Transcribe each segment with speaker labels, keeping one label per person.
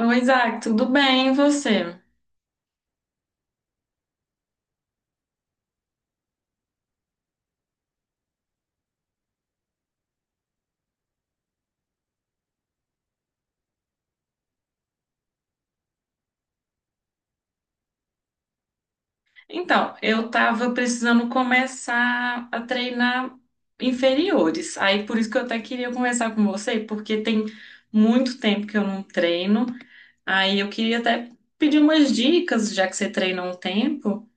Speaker 1: Oi, Isaac, tudo bem? E você? Então, eu tava precisando começar a treinar inferiores. Aí, por isso que eu até queria conversar com você, porque tem muito tempo que eu não treino. Aí, eu queria até pedir umas dicas, já que você treina há um tempo.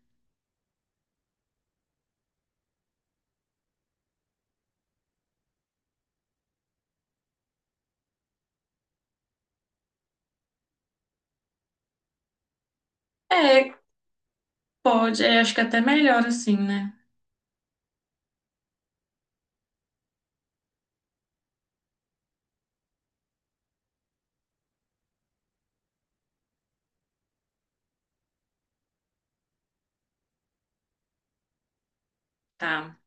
Speaker 1: É, pode, acho que até melhor assim, né? Tá.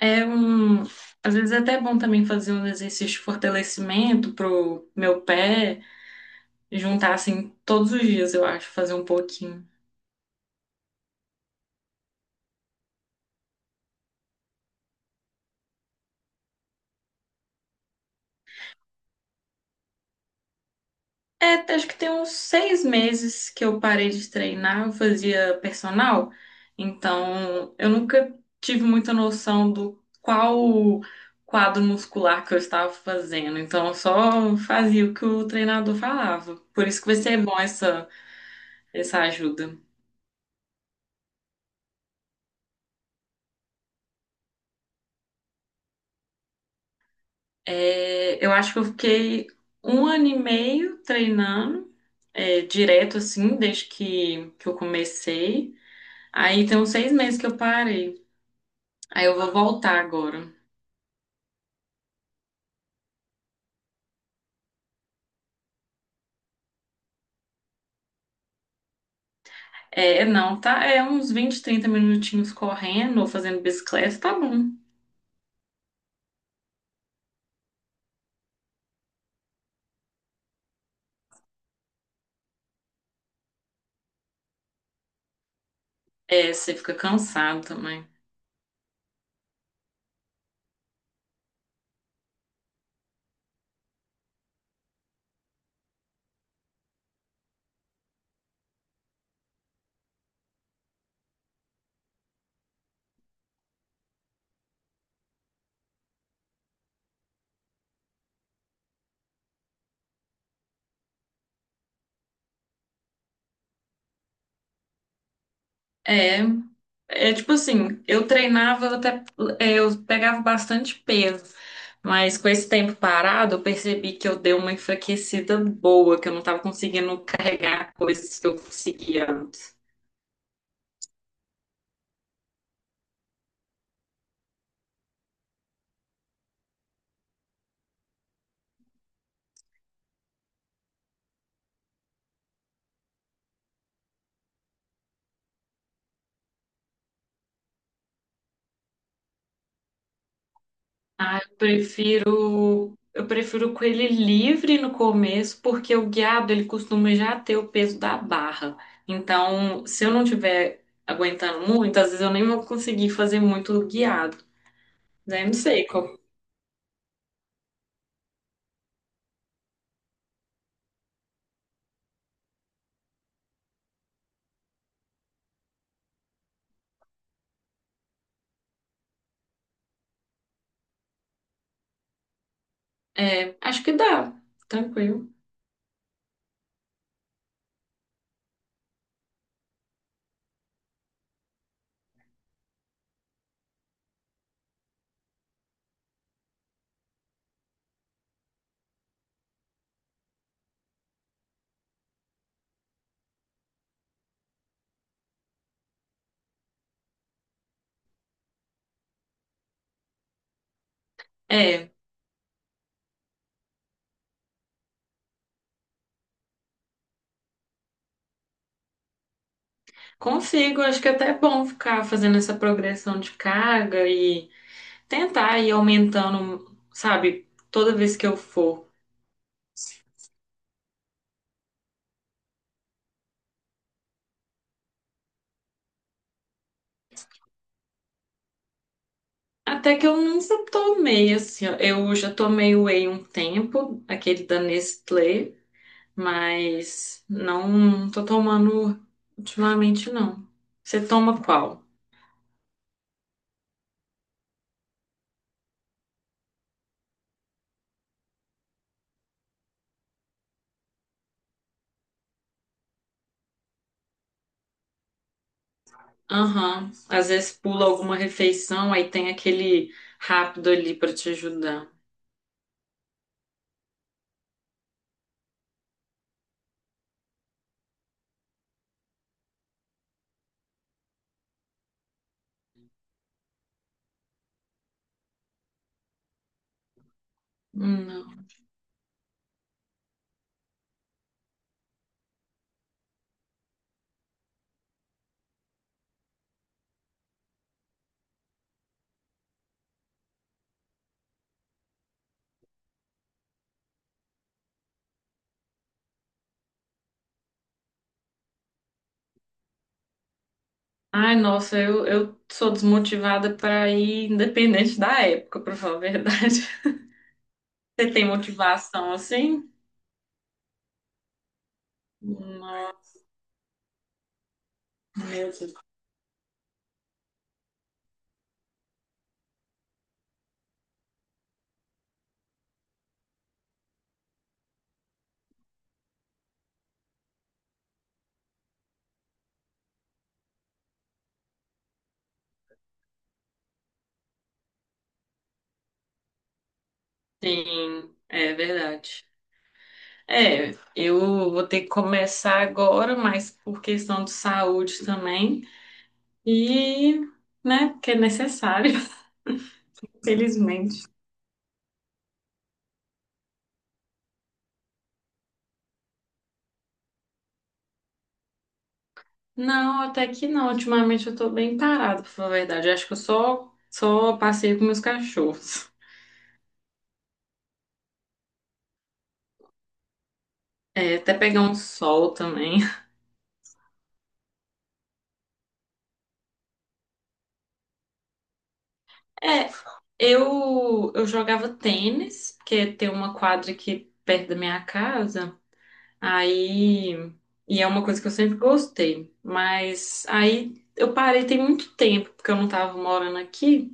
Speaker 1: É um. Às vezes é até bom também fazer um exercício de fortalecimento pro meu pé, juntar assim todos os dias, eu acho, fazer um pouquinho. É, acho que tem uns 6 meses que eu parei de treinar, eu fazia personal, então eu nunca tive muita noção do qual quadro muscular que eu estava fazendo, então eu só fazia o que o treinador falava. Por isso que vai ser bom essa ajuda. É, eu acho que eu fiquei um ano e meio treinando, é, direto assim, desde que eu comecei. Aí tem uns 6 meses que eu parei. Aí eu vou voltar agora. É, não, tá? É uns 20, 30 minutinhos correndo ou fazendo bicicleta, tá bom. É, você fica cansado também. É, é tipo assim, eu treinava até, eu pegava bastante peso, mas com esse tempo parado, eu percebi que eu dei uma enfraquecida boa, que eu não tava conseguindo carregar coisas que eu conseguia. Ah, eu prefiro com ele livre no começo, porque o guiado ele costuma já ter o peso da barra. Então, se eu não tiver aguentando muito, às vezes eu nem vou conseguir fazer muito guiado. Né? Não sei qual. É, acho que dá, tranquilo. É, consigo, acho que até é bom ficar fazendo essa progressão de carga e tentar ir aumentando, sabe, toda vez que eu for. Até que eu nunca tomei, assim, ó. Eu já tomei whey um tempo, aquele da Nestlé, mas não tô tomando ultimamente, não. Você toma qual? Aham, às vezes pula alguma refeição, aí tem aquele rápido ali pra te ajudar. Não. Ai, nossa, eu sou desmotivada pra ir, independente da época, pra falar a verdade. Você tem motivação assim? Não, meu Deus. Sim, é verdade. É, eu vou ter que começar agora, mas por questão de saúde também. E, né, porque é necessário, felizmente. Não, até que não. Ultimamente eu tô bem parada, pra falar a verdade. Eu acho que eu só passeio com meus cachorros. É, até pegar um sol também. É, eu jogava tênis, porque tem uma quadra aqui perto da minha casa. Aí, e é uma coisa que eu sempre gostei, mas aí eu parei tem muito tempo, porque eu não tava morando aqui.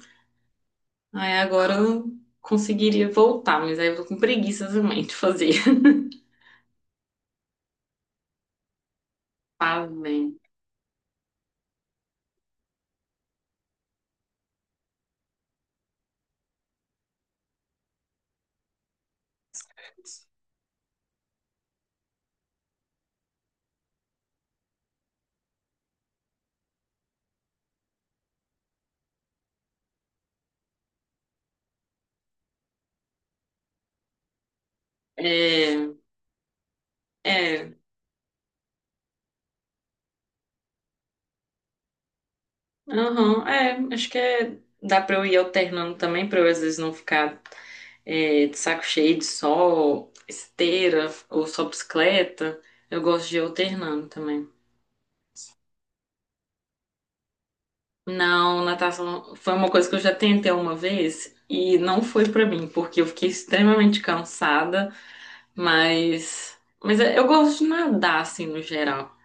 Speaker 1: Aí agora eu conseguiria voltar, mas aí eu tô com preguiça também de fazer. Faz bem. É, é, aham, acho que dá pra eu ir alternando também, pra eu às vezes não ficar, é, de saco cheio de sol, esteira ou só bicicleta. Eu gosto de ir alternando também. Não, natação foi uma coisa que eu já tentei uma vez e não foi pra mim, porque eu fiquei extremamente cansada, mas eu gosto de nadar assim no geral.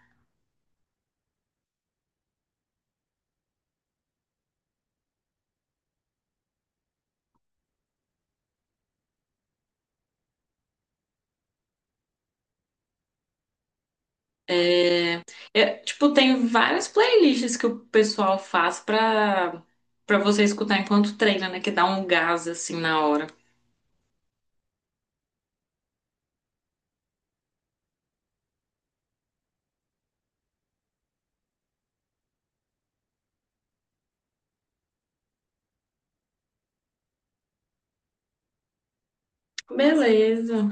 Speaker 1: É, é, tipo, tem várias playlists que o pessoal faz pra para você escutar enquanto treina, né, que dá um gás assim na hora. Beleza.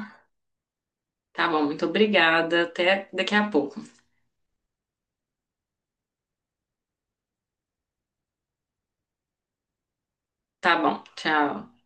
Speaker 1: Tá bom, muito obrigada. Até daqui a pouco. Tá bom, tchau.